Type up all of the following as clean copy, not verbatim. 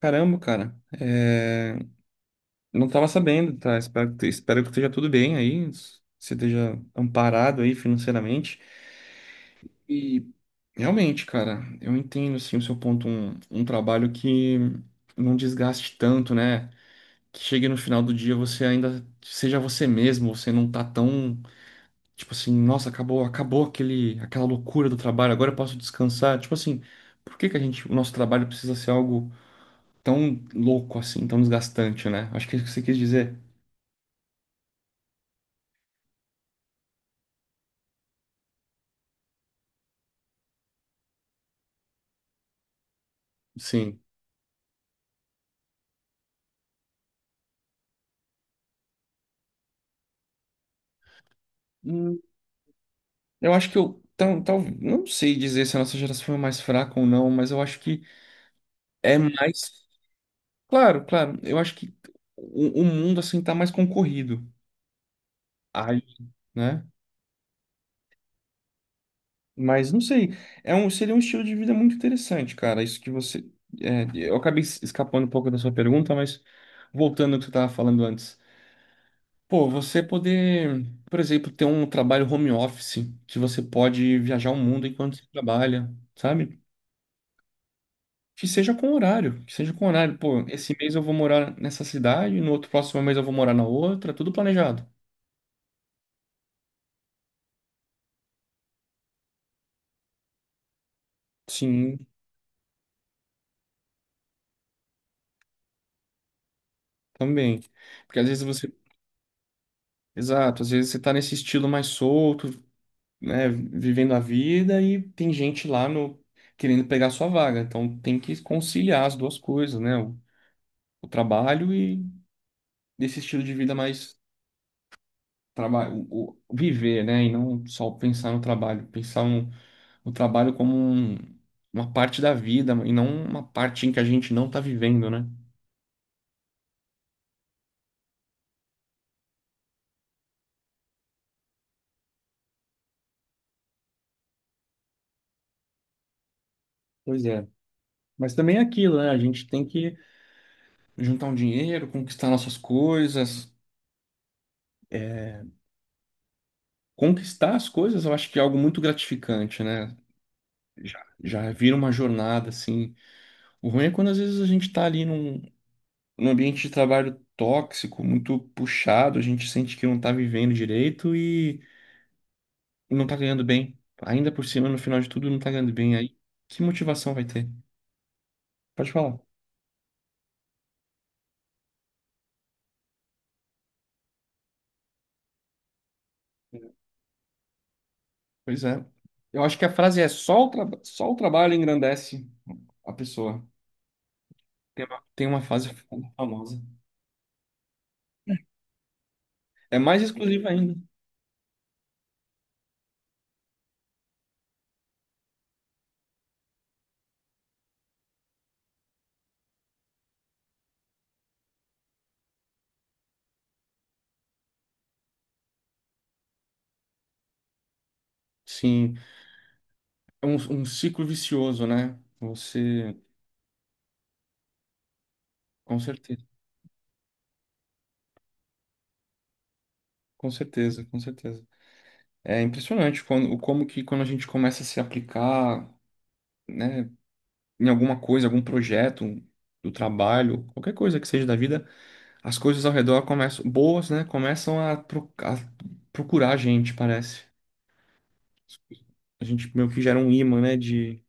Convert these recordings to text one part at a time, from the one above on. Caramba, cara. Não tava sabendo, tá? Espero que esteja tudo bem aí, você esteja amparado aí financeiramente. E realmente, cara, eu entendo, assim, o seu ponto, um trabalho que não desgaste tanto, né? Que chegue no final do dia você ainda seja você mesmo, você não tá tão, tipo assim, nossa, acabou aquela loucura do trabalho, agora eu posso descansar. Tipo assim, por que a gente, o nosso trabalho precisa ser algo tão louco assim, tão desgastante, né? Acho que é isso que você quis dizer. Sim. Hum, Eu acho que não sei dizer se a nossa geração foi mais fraca ou não, mas eu acho que é mais. Claro, claro. Eu acho que o mundo assim tá mais concorrido. Aí, né? Mas não sei. Seria um estilo de vida muito interessante, cara. Isso que você. É, eu acabei escapando um pouco da sua pergunta, mas voltando ao que você estava falando antes. Pô, você poder, por exemplo, ter um trabalho home office, que você pode viajar o mundo enquanto você trabalha, sabe? Que seja com horário. Pô, esse mês eu vou morar nessa cidade, no outro próximo mês eu vou morar na outra, tudo planejado. Sim, também. Porque às vezes você. Exato, às vezes você tá nesse estilo mais solto, né? Vivendo a vida e tem gente lá no querendo pegar sua vaga. Então tem que conciliar as duas coisas, né? O trabalho e desse estilo de vida mais trabalho, o viver, né? E não só pensar no trabalho, pensar no, no trabalho como uma parte da vida e não uma parte em que a gente não está vivendo, né? Pois é. Mas também é aquilo, né? A gente tem que juntar um dinheiro, conquistar nossas coisas. É, conquistar as coisas, eu acho que é algo muito gratificante, né? Já vira uma jornada, assim. O ruim é quando às vezes a gente tá ali num, num ambiente de trabalho tóxico, muito puxado, a gente sente que não tá vivendo direito, não tá ganhando bem. Ainda por cima, no final de tudo, não tá ganhando bem. Aí, que motivação vai ter? Pode falar. Pois é. Eu acho que a frase é só o trabalho engrandece a pessoa. Tem uma frase famosa. É mais exclusiva ainda. Sim, é um, um ciclo vicioso, né? Você, com certeza, com certeza. É impressionante quando, o como que quando a gente começa a se aplicar, né, em alguma coisa, algum projeto, do trabalho, qualquer coisa que seja da vida. As coisas ao redor começam, boas, né? Começam a procurar a gente, parece. A gente meio que gera um imã, né?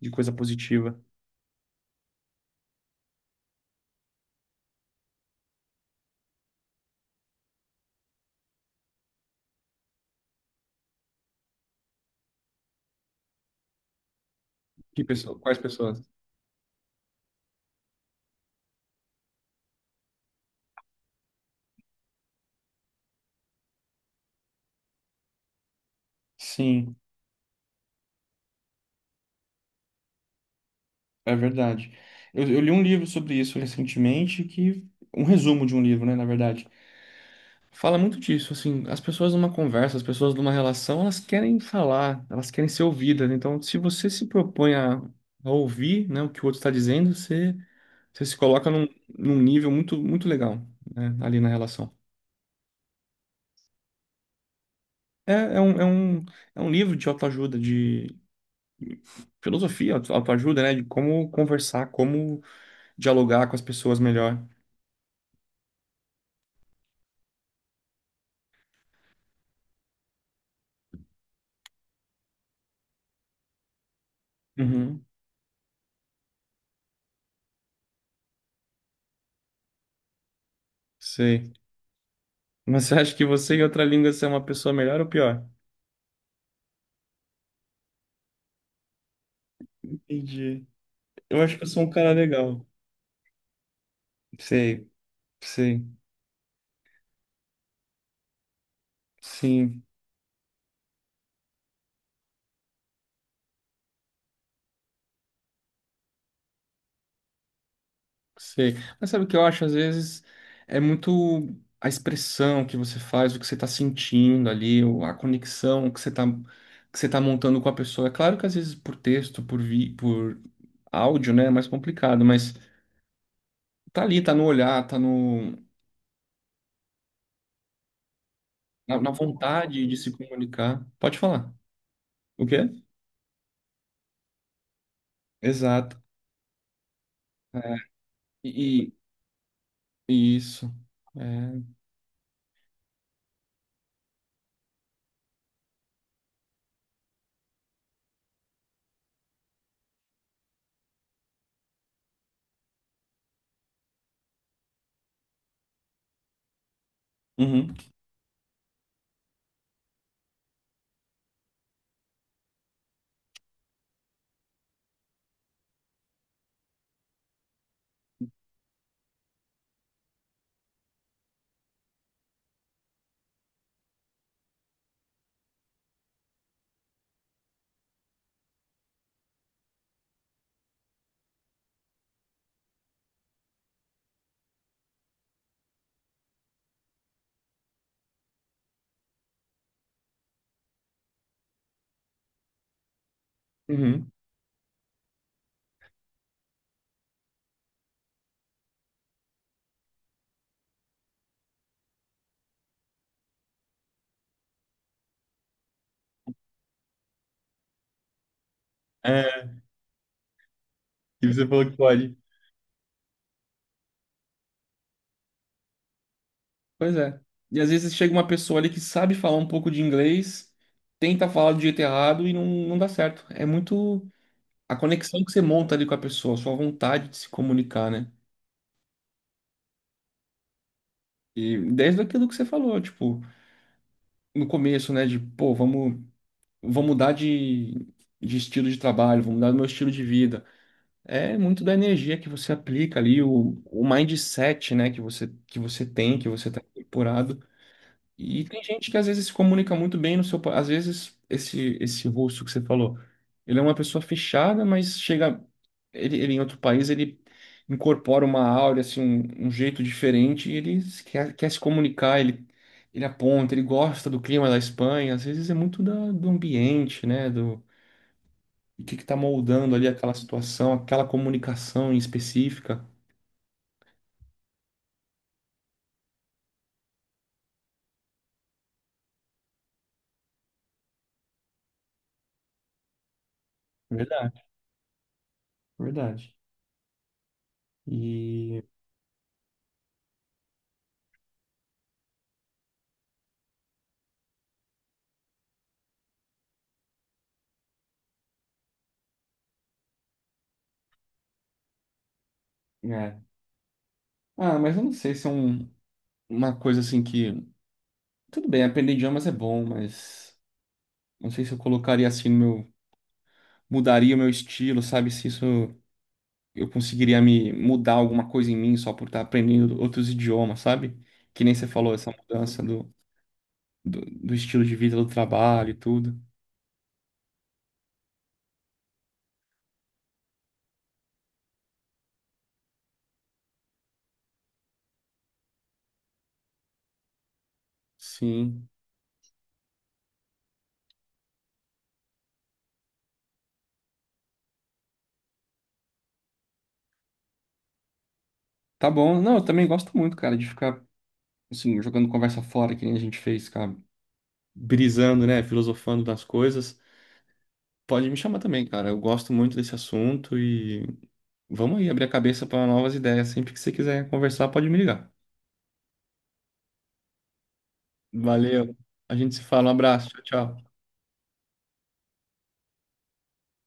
De coisa positiva. Que pessoa, quais pessoas? Sim, é verdade. Eu li um livro sobre isso recentemente, que um resumo de um livro, né, na verdade. Fala muito disso, assim, as pessoas numa conversa, as pessoas numa relação, elas querem falar, elas querem ser ouvidas. Então, se você se propõe a ouvir, né, o que o outro está dizendo, você. Você se coloca num, num nível muito legal, né, ali na relação. É, é um, é um, é um livro de autoajuda, de filosofia, autoajuda, né? De como conversar, como dialogar com as pessoas melhor. Uhum, sei. Mas você acha que você em outra língua você é uma pessoa melhor ou pior? Entendi. Eu acho que eu sou um cara legal. Sei, sei. Sim. Sei. Mas sabe o que eu acho? Às vezes é muito a expressão que você faz, o que você está sentindo ali, ou a conexão que você está, que você tá montando com a pessoa. É claro que às vezes por texto, por áudio, né, é mais complicado, mas tá ali, tá no olhar, tá no, na, na vontade de se comunicar. Pode falar. O quê? Exato. E, isso. É. Uhum. Uhum. É. E você falou que pode. Pois é. E às vezes chega uma pessoa ali que sabe falar um pouco de inglês, tenta falar do jeito errado e não dá certo. É muito a conexão que você monta ali com a pessoa, a sua vontade de se comunicar, né? E desde aquilo que você falou, tipo, no começo, né, de, pô, vamos mudar de estilo de trabalho, vamos mudar do meu estilo de vida. É muito da energia que você aplica ali, o mindset, né, que você tem, que você tá incorporado. E tem gente que às vezes se comunica muito bem no seu. Às vezes, esse russo que você falou, ele é uma pessoa fechada, mas chega. Ele em outro país, ele incorpora uma áurea, assim, um jeito diferente, e ele quer se comunicar, ele aponta, ele gosta do clima da Espanha, às vezes é muito da, do ambiente, né? Do o que que tá moldando ali aquela situação, aquela comunicação em específica. Verdade, verdade. E. É. Ah, mas eu não sei se é um, uma coisa assim que. Tudo bem, aprender idiomas é bom, mas não sei se eu colocaria assim no meu. Mudaria o meu estilo, sabe? Se isso eu conseguiria me mudar alguma coisa em mim só por estar aprendendo outros idiomas, sabe? Que nem você falou, essa mudança do estilo de vida, do trabalho e tudo. Sim. Tá bom. Não, eu também gosto muito, cara, de ficar assim, jogando conversa fora, que nem a gente fez, cara. Brisando, né? Filosofando das coisas. Pode me chamar também, cara. Eu gosto muito desse assunto e vamos aí abrir a cabeça para novas ideias. Sempre que você quiser conversar, pode me ligar. Valeu. A gente se fala. Um abraço. Tchau, tchau.